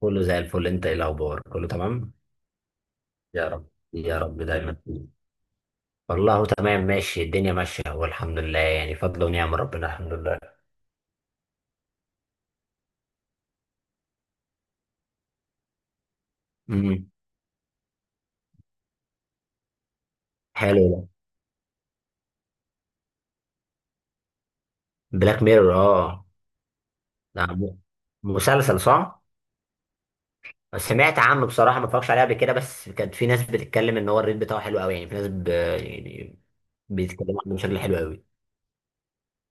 كله زي الفل، انت ايه الاخبار؟ كله تمام. يا رب. يا رب دايما. والله تمام، ماشي، الدنيا ماشيه والحمد لله، يعني فضل ونعم ربنا، الحمد لله. امم. حلو ده. بلاك ميرور، اه. ده مسلسل صح؟ سمعت عنه بصراحه، ما اتفرجش عليه قبل كده، بس كانت في ناس بتتكلم ان هو الريت بتاعه حلو قوي، يعني في ناس يعني بيتكلموا عنه بشكل حلو قوي. ما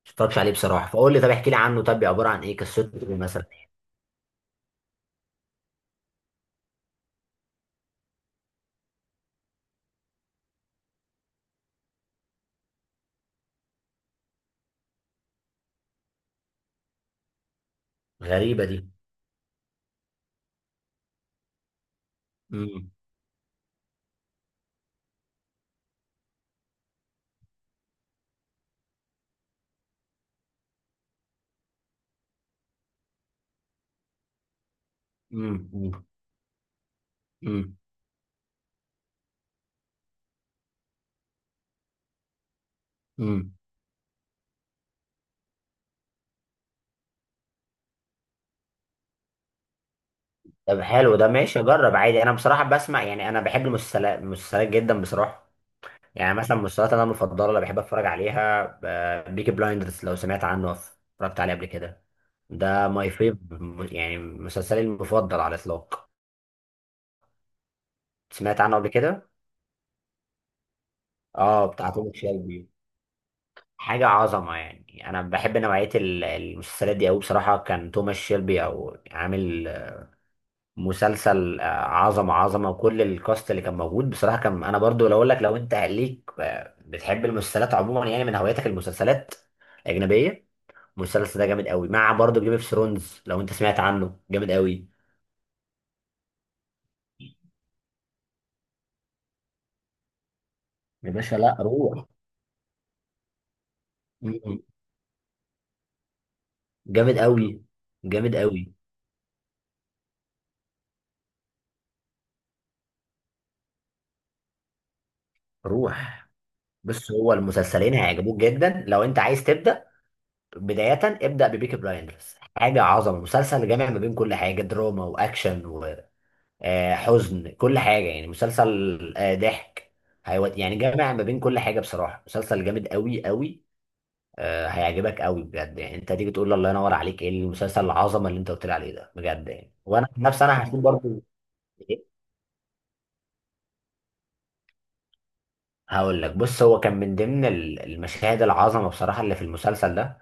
اتفرجش عليه بصراحه، فقول لي طب احكي لي عنه، طب عباره عن ايه؟ قصته ايه مثلا؟ غريبه دي. امم. امم. امم. امم. طب حلو ده، ماشي، جرب عادي. انا بصراحه بسمع، يعني انا بحب المسلسلات جدا بصراحه. يعني مثلا المسلسلات، انا المفضله اللي بحب اتفرج عليها بيكي بلايندرز، لو سمعت عنه أو اتفرجت عليه قبل كده. ده ماي فيف، يعني مسلسلي المفضل على الاطلاق. سمعت عنه قبل كده، اه. بتاع توم شيلبي، حاجه عظمه يعني. انا بحب نوعيه المسلسلات دي قوي بصراحه، كان توماس شيلبي او عامل مسلسل عظمه عظمه، وكل الكاست اللي كان موجود بصراحه. كان انا برضو لو اقول لك، لو انت ليك بتحب المسلسلات عموما يعني، من هواياتك المسلسلات الاجنبيه، المسلسل ده جامد قوي، مع برضو جيم اوف ثرونز لو انت سمعت عنه، جامد قوي. يا باشا لا، روح. م. جامد قوي. جامد قوي. روح، بص هو المسلسلين هيعجبوك جدا، لو انت عايز تبدا بدايه، ابدا ببيكي بلايندرز. حاجه عظمه، مسلسل جامع ما بين كل حاجه، دراما واكشن، حزن، كل حاجة يعني، مسلسل ضحك، هيود يعني. جامع ما بين كل حاجة بصراحة، مسلسل جامد قوي قوي. هيعجبك قوي بجد، يعني انت تيجي تقول لي الله ينور عليك، ايه المسلسل العظمة اللي انت قلت لي عليه ده، بجد يعني. وانا عن نفسي انا هشوف برضه. إيه، هقول لك، بص، هو كان من ضمن المشاهد العظمة بصراحة اللي في المسلسل ده،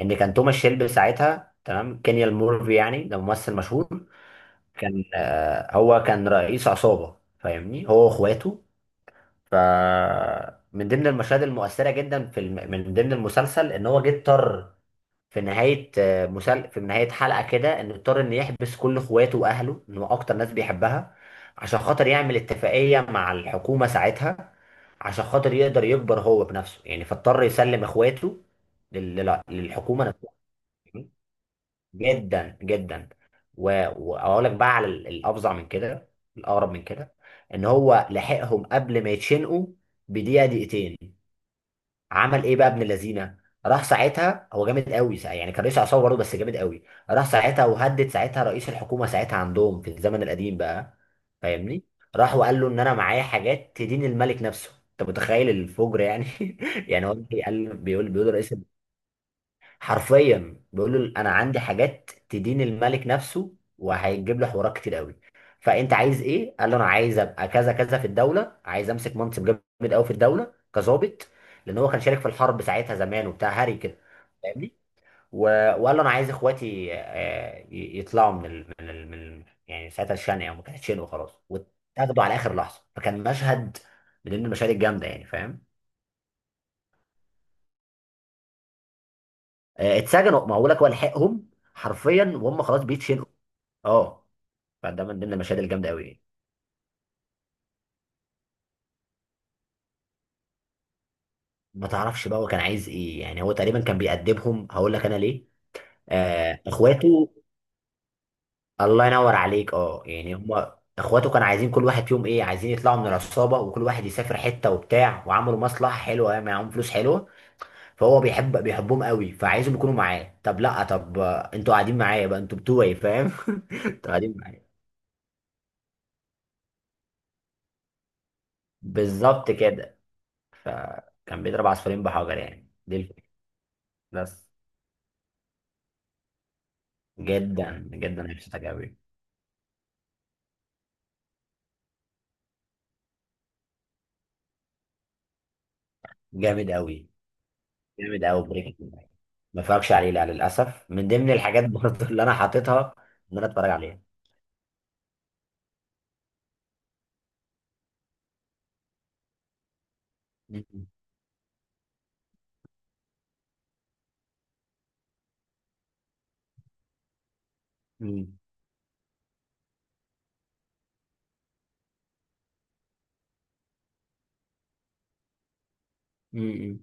ان كان توماس شيلبي ساعتها، تمام، كينيال مورفي يعني، ده ممثل مشهور. كان هو كان رئيس عصابة، فاهمني، هو واخواته. فمن ضمن المشاهد المؤثرة جدا من ضمن المسلسل، ان هو جه اضطر في نهاية في نهاية حلقة كده، ان اضطر ان يحبس كل اخواته واهله، ان هو اكتر ناس بيحبها، عشان خاطر يعمل اتفاقية مع الحكومة ساعتها، عشان خاطر يقدر يكبر هو بنفسه يعني. فاضطر يسلم اخواته للحكومة نفسها. جدا جدا. و- واقول لك بقى على الافظع من كده، الاغرب من كده، ان هو لحقهم قبل ما يتشنقوا بدقيقه دقيقتين. عمل ايه بقى ابن اللذينه؟ راح ساعتها، هو جامد قوي، يعني كان رئيس عصابه برضه، بس جامد قوي. راح ساعتها وهدد ساعتها رئيس الحكومه ساعتها، عندهم في الزمن القديم بقى، فاهمني. راح وقال له ان انا معايا حاجات تدين الملك نفسه. انت متخيل الفجر يعني؟ يعني هو بيقول رئيس، حرفيا بيقول له انا عندي حاجات تدين الملك نفسه، وهيجيب له حوارات كتير قوي. فانت عايز ايه؟ قال له انا عايز ابقى كذا كذا في الدوله، عايز امسك منصب جامد قوي في الدوله كظابط، لان هو كان شارك في الحرب ساعتها زمان وبتاع هاري كده، فاهمني. و- وقال له انا عايز اخواتي يطلعوا يعني ساعتها الشنقه. وما كانتش شنقه خلاص، واتاخدوا على اخر لحظه، فكان مشهد من المشاهد الجامده يعني، فاهم. اتسجنوا، ما هو لك هو لحقهم حرفيا وهم خلاص بيتشنقوا. اه. فده من ضمن المشاهد الجامده قوي. ما تعرفش بقى هو كان عايز ايه يعني، هو تقريبا كان بيأدبهم، هقول لك انا ليه. آه، اخواته. الله ينور عليك، اه، يعني هم اخواته كانوا عايزين كل واحد فيهم ايه، عايزين يطلعوا من العصابه، وكل واحد يسافر حته وبتاع، وعملوا مصلحه حلوه معاهم، فلوس حلوه. فهو بيحبهم قوي، فعايزهم يكونوا معاه. طب لا، طب انتوا قاعدين معايا بقى، انتوا بتوعي، فاهم. انتوا قاعدين معايا، بالظبط كده. كان بيضرب عصفورين بحجر يعني، دي الفكره. بس جدا جدا، هيبسطك قوي. جامد قوي. جامد قوي بريكنج باد. ما اتفرجش عليه لا للاسف، من ضمن الحاجات برضه اللي انا حاططها ان انا اتفرج عليها. م- م- م- م-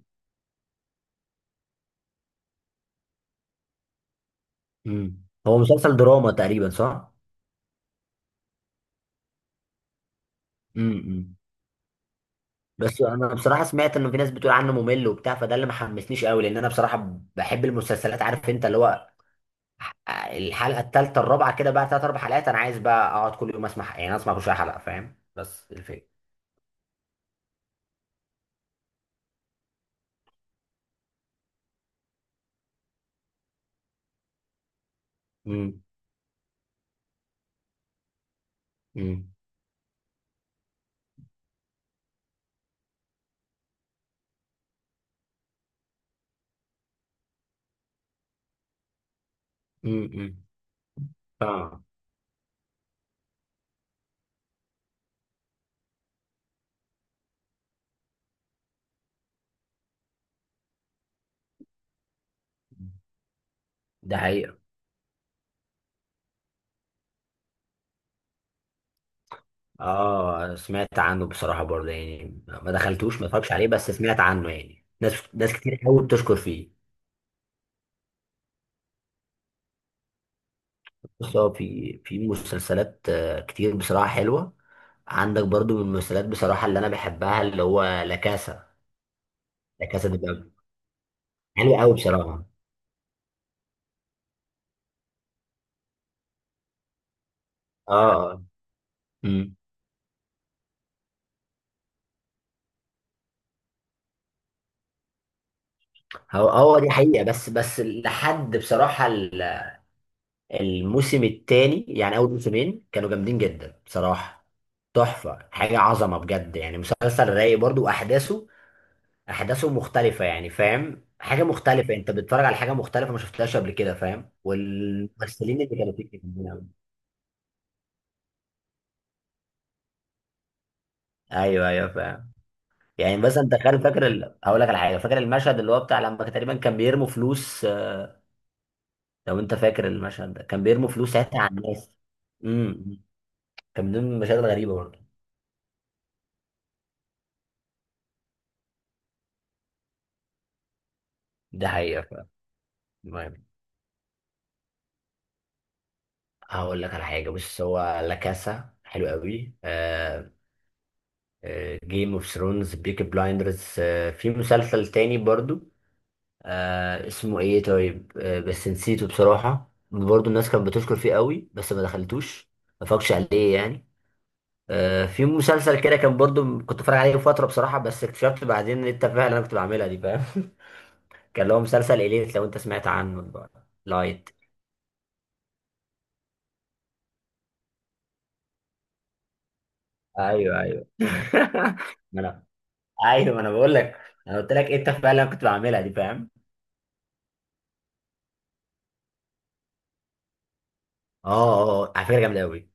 م. هو مسلسل دراما تقريبا صح؟ م- م. بس انا بصراحه سمعت ان في ناس بتقول عنه ممل وبتاع، فده اللي ما حمسنيش قوي. لان انا بصراحه بحب المسلسلات، عارف انت اللي هو الحلقه الثالثه الرابعه كده بقى، ثلاث اربع حلقات، انا عايز بقى اقعد كل يوم اسمع، يعني اسمع كل شويه حلقه، فاهم، بس الفكره. امم. امم. امم. اه، ده حقيقي. اه، انا سمعت عنه بصراحه برضه يعني، ما دخلتوش، ما اتفرجش عليه، بس سمعت عنه يعني، ناس ناس كتير قوي بتشكر فيه. بص، هو في مسلسلات كتير بصراحه حلوه. عندك برضه من المسلسلات بصراحه اللي انا بحبها، اللي هو لا كاسا. لا كاسا دي بابل، حلو قوي بصراحه. اه، اه. أمم. هو دي حقيقه، بس لحد بصراحه الموسم الثاني، يعني اول موسمين كانوا جامدين جدا بصراحه. تحفه، حاجه عظمه بجد يعني، مسلسل رايق برضه، واحداثه مختلفه، يعني فاهم، حاجه مختلفه، انت بتتفرج على حاجه مختلفه ما شفتهاش قبل كده، فاهم، والممثلين اللي كانوا فيه جامدين أوي. ايوه ايوه، فاهم. يعني مثلا تخيل، فاكر هقول لك على حاجه، فاكر المشهد اللي هو بتاع لما كان تقريبا كان بيرموا فلوس لو انت فاكر المشهد ده، كان بيرموا فلوس ساعتها على الناس. امم. امم. كان من ضمن المشاهد الغريبه برضه. ده حقيقه، فاهم. المهم، هقول لك على حاجه، بص هو لا كاسا حلو قوي، آه، جيم اوف ثرونز، بيكي بلايندرز. في مسلسل تاني برضو، آه اسمه ايه طيب، آه، بس نسيته بصراحة. برضو الناس كانت بتشكر فيه قوي، بس ما دخلتوش، ما فاقش عليه يعني. آه، في مسلسل كده كان برضو كنت بتفرج عليه فترة بصراحة، بس اكتشفت بعدين ان انت فعلا، انا كنت بعملها دي، فاهم. كان اللي هو مسلسل اليت، لو انت سمعت عنه بقى. لايت، ايوه ايوه. ما انا ايوه، ما انا بقول لك، انا قلت لك انت فعلا، أنا كنت بعملها دي، فاهم. اه اه، على فكرة جامدة قوي.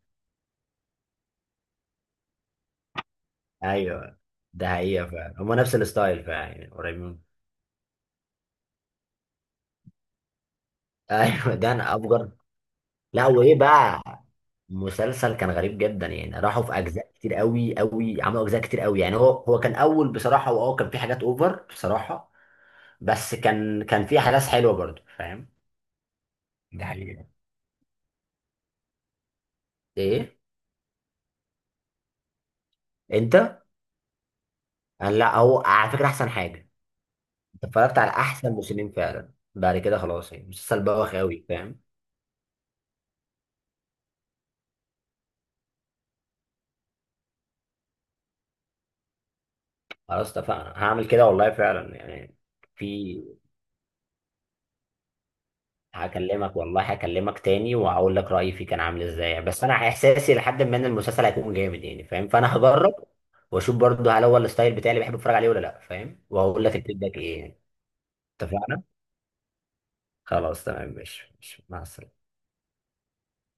ايوه، ده حقيقة فعلا، هما نفس الستايل فعلا يعني، قريبين. ايوه، ده انا افجر. لا، وايه بقى، مسلسل كان غريب جدا يعني، راحوا في اجزاء كتير قوي قوي، عملوا اجزاء كتير قوي يعني. هو كان اول بصراحه، واه كان في حاجات اوفر بصراحه، بس كان في احداث حلوه برضه، فاهم. دي حقيقة، ايه، انت. قال لا، هو على فكره احسن حاجه، انت اتفرجت على احسن موسمين فعلا، بعد كده خلاص، يعني مسلسل بوخ قوي، فاهم. خلاص اتفقنا، هعمل كده والله، فعلا يعني. في هكلمك والله، هكلمك تاني وهقول لك رأيي فيه كان عامل ازاي، بس انا احساسي لحد ما ان المسلسل هيكون جامد يعني، فاهم، فانا هجرب واشوف برضه هل هو الستايل بتاعي اللي بحب اتفرج عليه ولا لا، فاهم، وهقول لك الفيدباك ايه يعني. اتفقنا، خلاص تمام، ماشي ماشي، مع السلامة.